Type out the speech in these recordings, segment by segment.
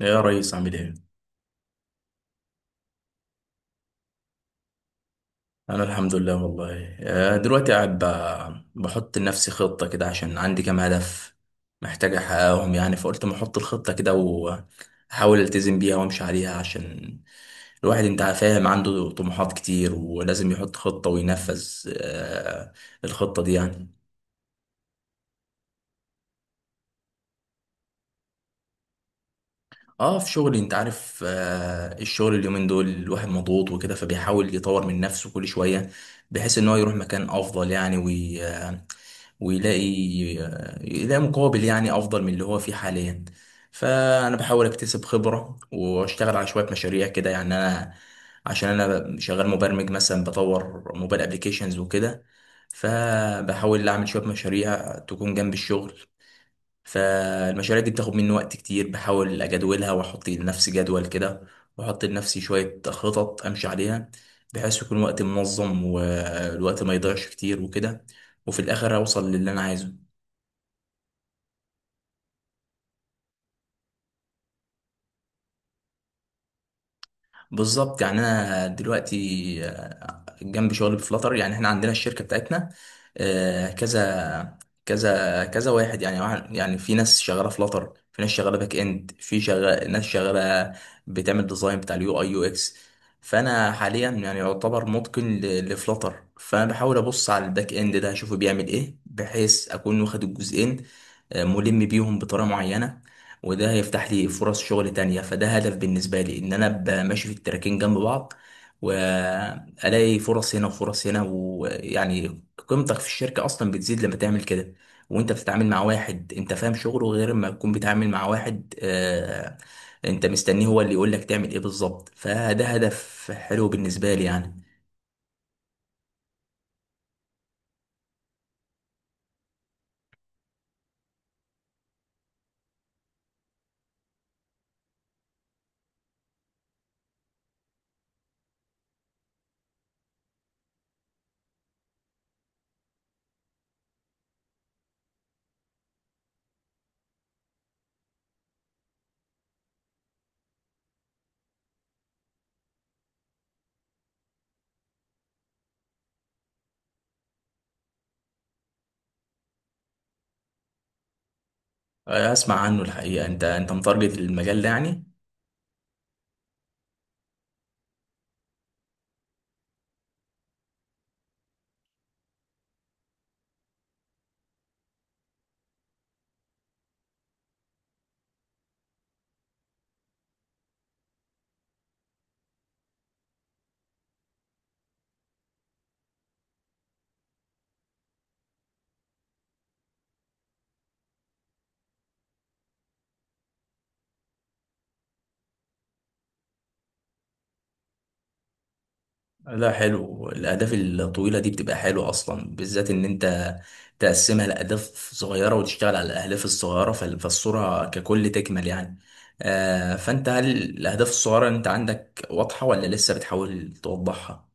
يا ريس، عامل ايه؟ انا الحمد لله والله. دلوقتي قاعد بحط لنفسي خطة كده عشان عندي كام هدف محتاج احققهم، يعني فقلت ما احط الخطة كده واحاول التزم بيها وامشي عليها عشان الواحد انت فاهم، عنده طموحات كتير ولازم يحط خطة وينفذ آه، الخطة دي يعني. اه في شغلي، انت عارف آه الشغل اليومين دول الواحد مضغوط وكده، فبيحاول يطور من نفسه كل شوية بحيث ان هو يروح مكان افضل يعني، وي آه، ويلاقي يلاقي مقابل يعني افضل من اللي هو فيه حاليا. فانا بحاول اكتسب خبرة واشتغل على شوية مشاريع كده يعني، انا عشان انا شغال مبرمج مثلا بطور موبايل ابليكيشنز وكده، فبحاول اعمل شوية مشاريع تكون جنب الشغل. فالمشاريع دي بتاخد مني وقت كتير، بحاول اجدولها واحط لنفسي جدول كده، واحط لنفسي شوية خطط امشي عليها بحيث يكون وقتي منظم والوقت ما يضيعش كتير وكده، وفي الاخر اوصل للي انا عايزه. بالظبط، يعني انا دلوقتي جنب شغلي بفلاتر، يعني احنا عندنا الشركه بتاعتنا كذا كذا كذا واحد، يعني يعني في ناس شغاله فلاتر، في ناس شغاله باك اند، في شغال ناس شغاله بتعمل ديزاين بتاع اليو اي يو اكس. فانا حاليا يعني يعتبر متقن لفلاتر، فانا بحاول ابص على الباك اند ده اشوفه بيعمل ايه بحيث اكون واخد الجزئين ملم بيهم بطريقه معينه، وده هيفتح لي فرص شغل تانية. فده هدف بالنسبة لي، ان انا ابقى ماشي في التراكين جنب بعض والاقي فرص هنا وفرص هنا، ويعني قيمتك في الشركة اصلا بتزيد لما تعمل كده. وانت بتتعامل مع واحد انت فاهم شغله غير ما تكون بتتعامل مع واحد انت مستنيه هو اللي يقول لك تعمل ايه بالظبط. فده هدف حلو بالنسبة لي يعني. اسمع عنه الحقيقة. انت متارجت المجال ده يعني؟ لا حلو، الأهداف الطويلة دي بتبقى حلوة أصلا، بالذات إن أنت تقسمها لأهداف صغيرة وتشتغل على الأهداف الصغيرة، فالصورة ككل تكمل يعني. فأنت هل الأهداف الصغيرة أنت عندك واضحة، ولا لسه بتحاول توضحها؟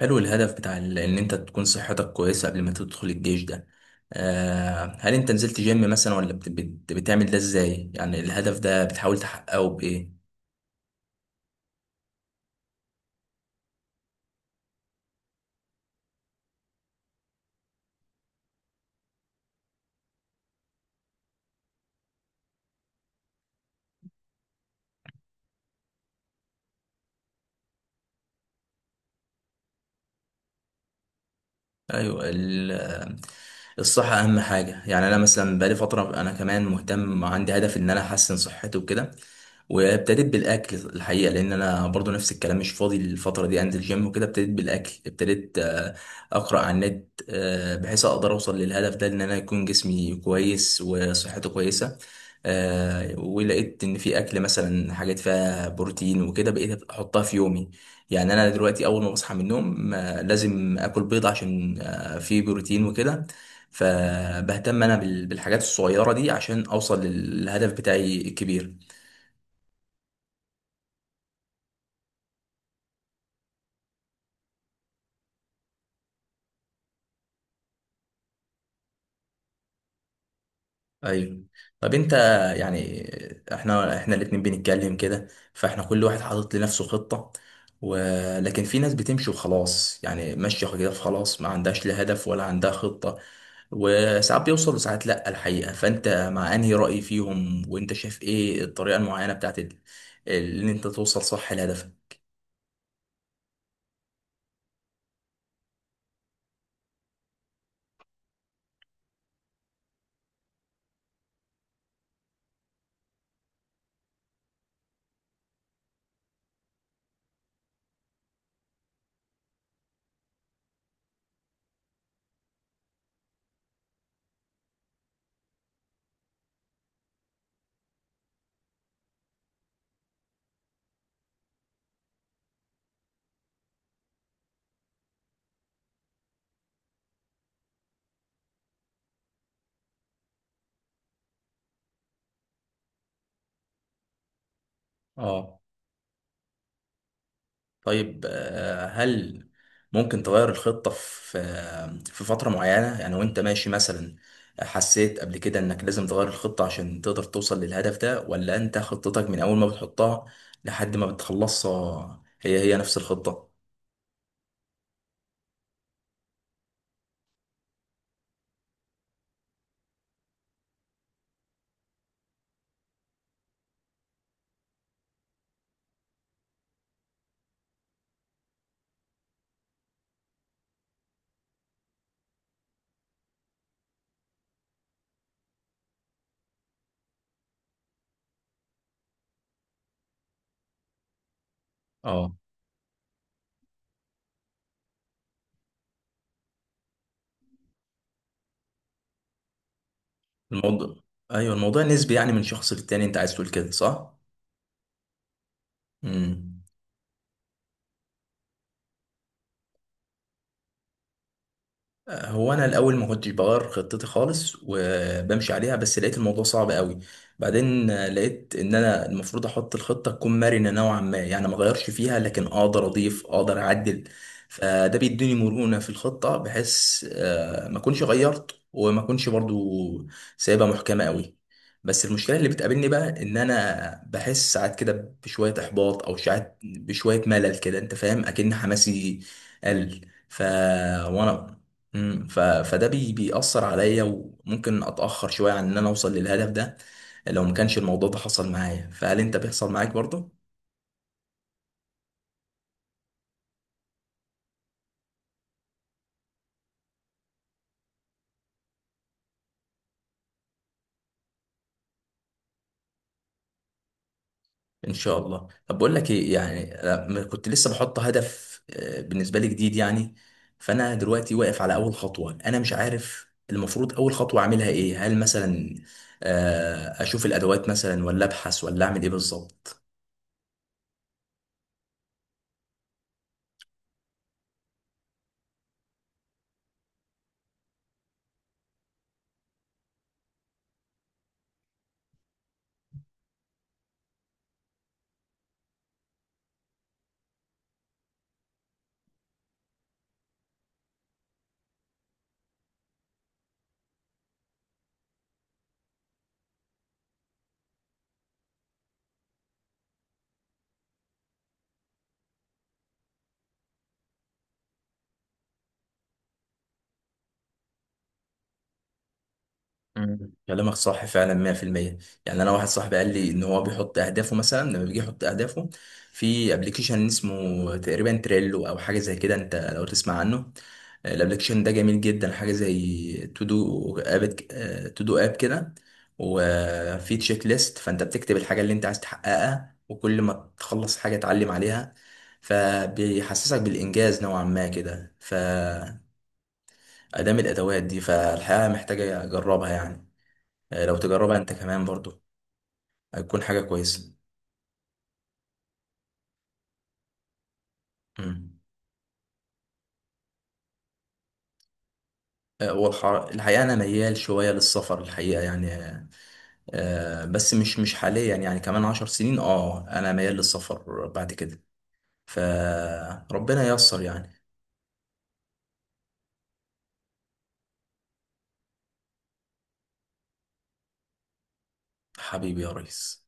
حلو الهدف بتاع إن أنت تكون صحتك كويسة قبل ما تدخل الجيش ده. هل أنت نزلت جيم مثلا، ولا بتعمل ده إزاي؟ يعني الهدف ده بتحاول تحققه بإيه؟ ايوه الصحة اهم حاجة. يعني انا مثلا بقالي فترة، انا كمان مهتم، عندي هدف ان انا احسن صحتي وكده. وابتديت بالاكل الحقيقة، لان انا برضو نفس الكلام، مش فاضي الفترة دي انزل جيم وكده. ابتديت بالاكل، ابتديت اقرأ عن النت بحيث اقدر اوصل للهدف ده، ان انا يكون جسمي كويس وصحته كويسة. ولقيت ان في اكل مثلا حاجات فيها بروتين وكده، بقيت احطها في يومي. يعني انا دلوقتي اول ما بصحى من النوم لازم اكل بيض عشان فيه بروتين وكده. فبهتم انا بالحاجات الصغيره دي عشان اوصل للهدف بتاعي الكبير. ايوه. طب انت يعني، احنا الاتنين بنتكلم كده، فاحنا كل واحد حاطط لنفسه خطه، ولكن في ناس بتمشي وخلاص، يعني ماشيه كده خلاص، ما عندهاش لا هدف ولا عندها خطه. وساعات بيوصل وساعات لا الحقيقه. فانت مع انهي راي فيهم، وانت شايف ايه الطريقه المعينه بتاعت اللي انت توصل صح لهدفك؟ اه. طيب هل ممكن تغير الخطة في في فترة معينة؟ يعني وانت ماشي مثلا، حسيت قبل كده انك لازم تغير الخطة عشان تقدر توصل للهدف ده، ولا انت خطتك من اول ما بتحطها لحد ما بتخلصها هي هي نفس الخطة؟ اه الموضوع. ايوه الموضوع نسبي، يعني من شخص للتاني، انت عايز تقول كده صح؟ امم. هو انا الاول ما كنتش بغير خطتي خالص وبمشي عليها، بس لقيت الموضوع صعب قوي. بعدين لقيت ان انا المفروض احط الخطه تكون مرنه نوعا ما، يعني ما اغيرش فيها لكن اقدر اضيف، اقدر اعدل. فده بيديني مرونه في الخطه، بحيث ما اكونش غيرت وما اكونش برضو سايبها محكمه قوي. بس المشكله اللي بتقابلني بقى، ان انا بحس ساعات كده بشويه احباط، او ساعات بشويه ملل كده، انت فاهم، اكن حماسي قل. وانا بيأثر عليا، وممكن اتأخر شوية عن ان انا اوصل للهدف ده. لو ما كانش الموضوع ده حصل معايا، فهل انت بيحصل معاك برضه؟ ان شاء الله. طب بقول لك ايه، يعني لما كنت لسه بحط هدف بالنسبة لي جديد يعني، فانا دلوقتي واقف على اول خطوة، انا مش عارف المفروض اول خطوة اعملها ايه. هل مثلا اشوف الادوات مثلا، ولا ابحث، ولا اعمل ايه بالظبط؟ مم. كلامك صح فعلا 100%. يعني انا واحد صاحبي قال لي ان هو بيحط اهدافه، مثلا لما بيجي يحط اهدافه في ابلكيشن اسمه تقريبا تريلو، او حاجه زي كده، انت لو تسمع عنه. الابلكيشن ده جميل جدا، حاجه زي تو دو اب، تو دو اب كده، وفي تشيك ليست. فانت بتكتب الحاجه اللي انت عايز تحققها، وكل ما تخلص حاجه تعلم عليها، فبيحسسك بالانجاز نوعا ما كده. فادام الادوات دي، فالحقيقه محتاجه اجربها يعني. لو تجربها انت كمان برضو هتكون حاجة كويسة. مم. الحقيقة أنا ميال شوية للسفر، الحقيقة يعني بس مش حاليا، يعني كمان عشر سنين اه، أنا ميال للسفر بعد كده، فربنا ييسر يعني. حبيبي يا ريس.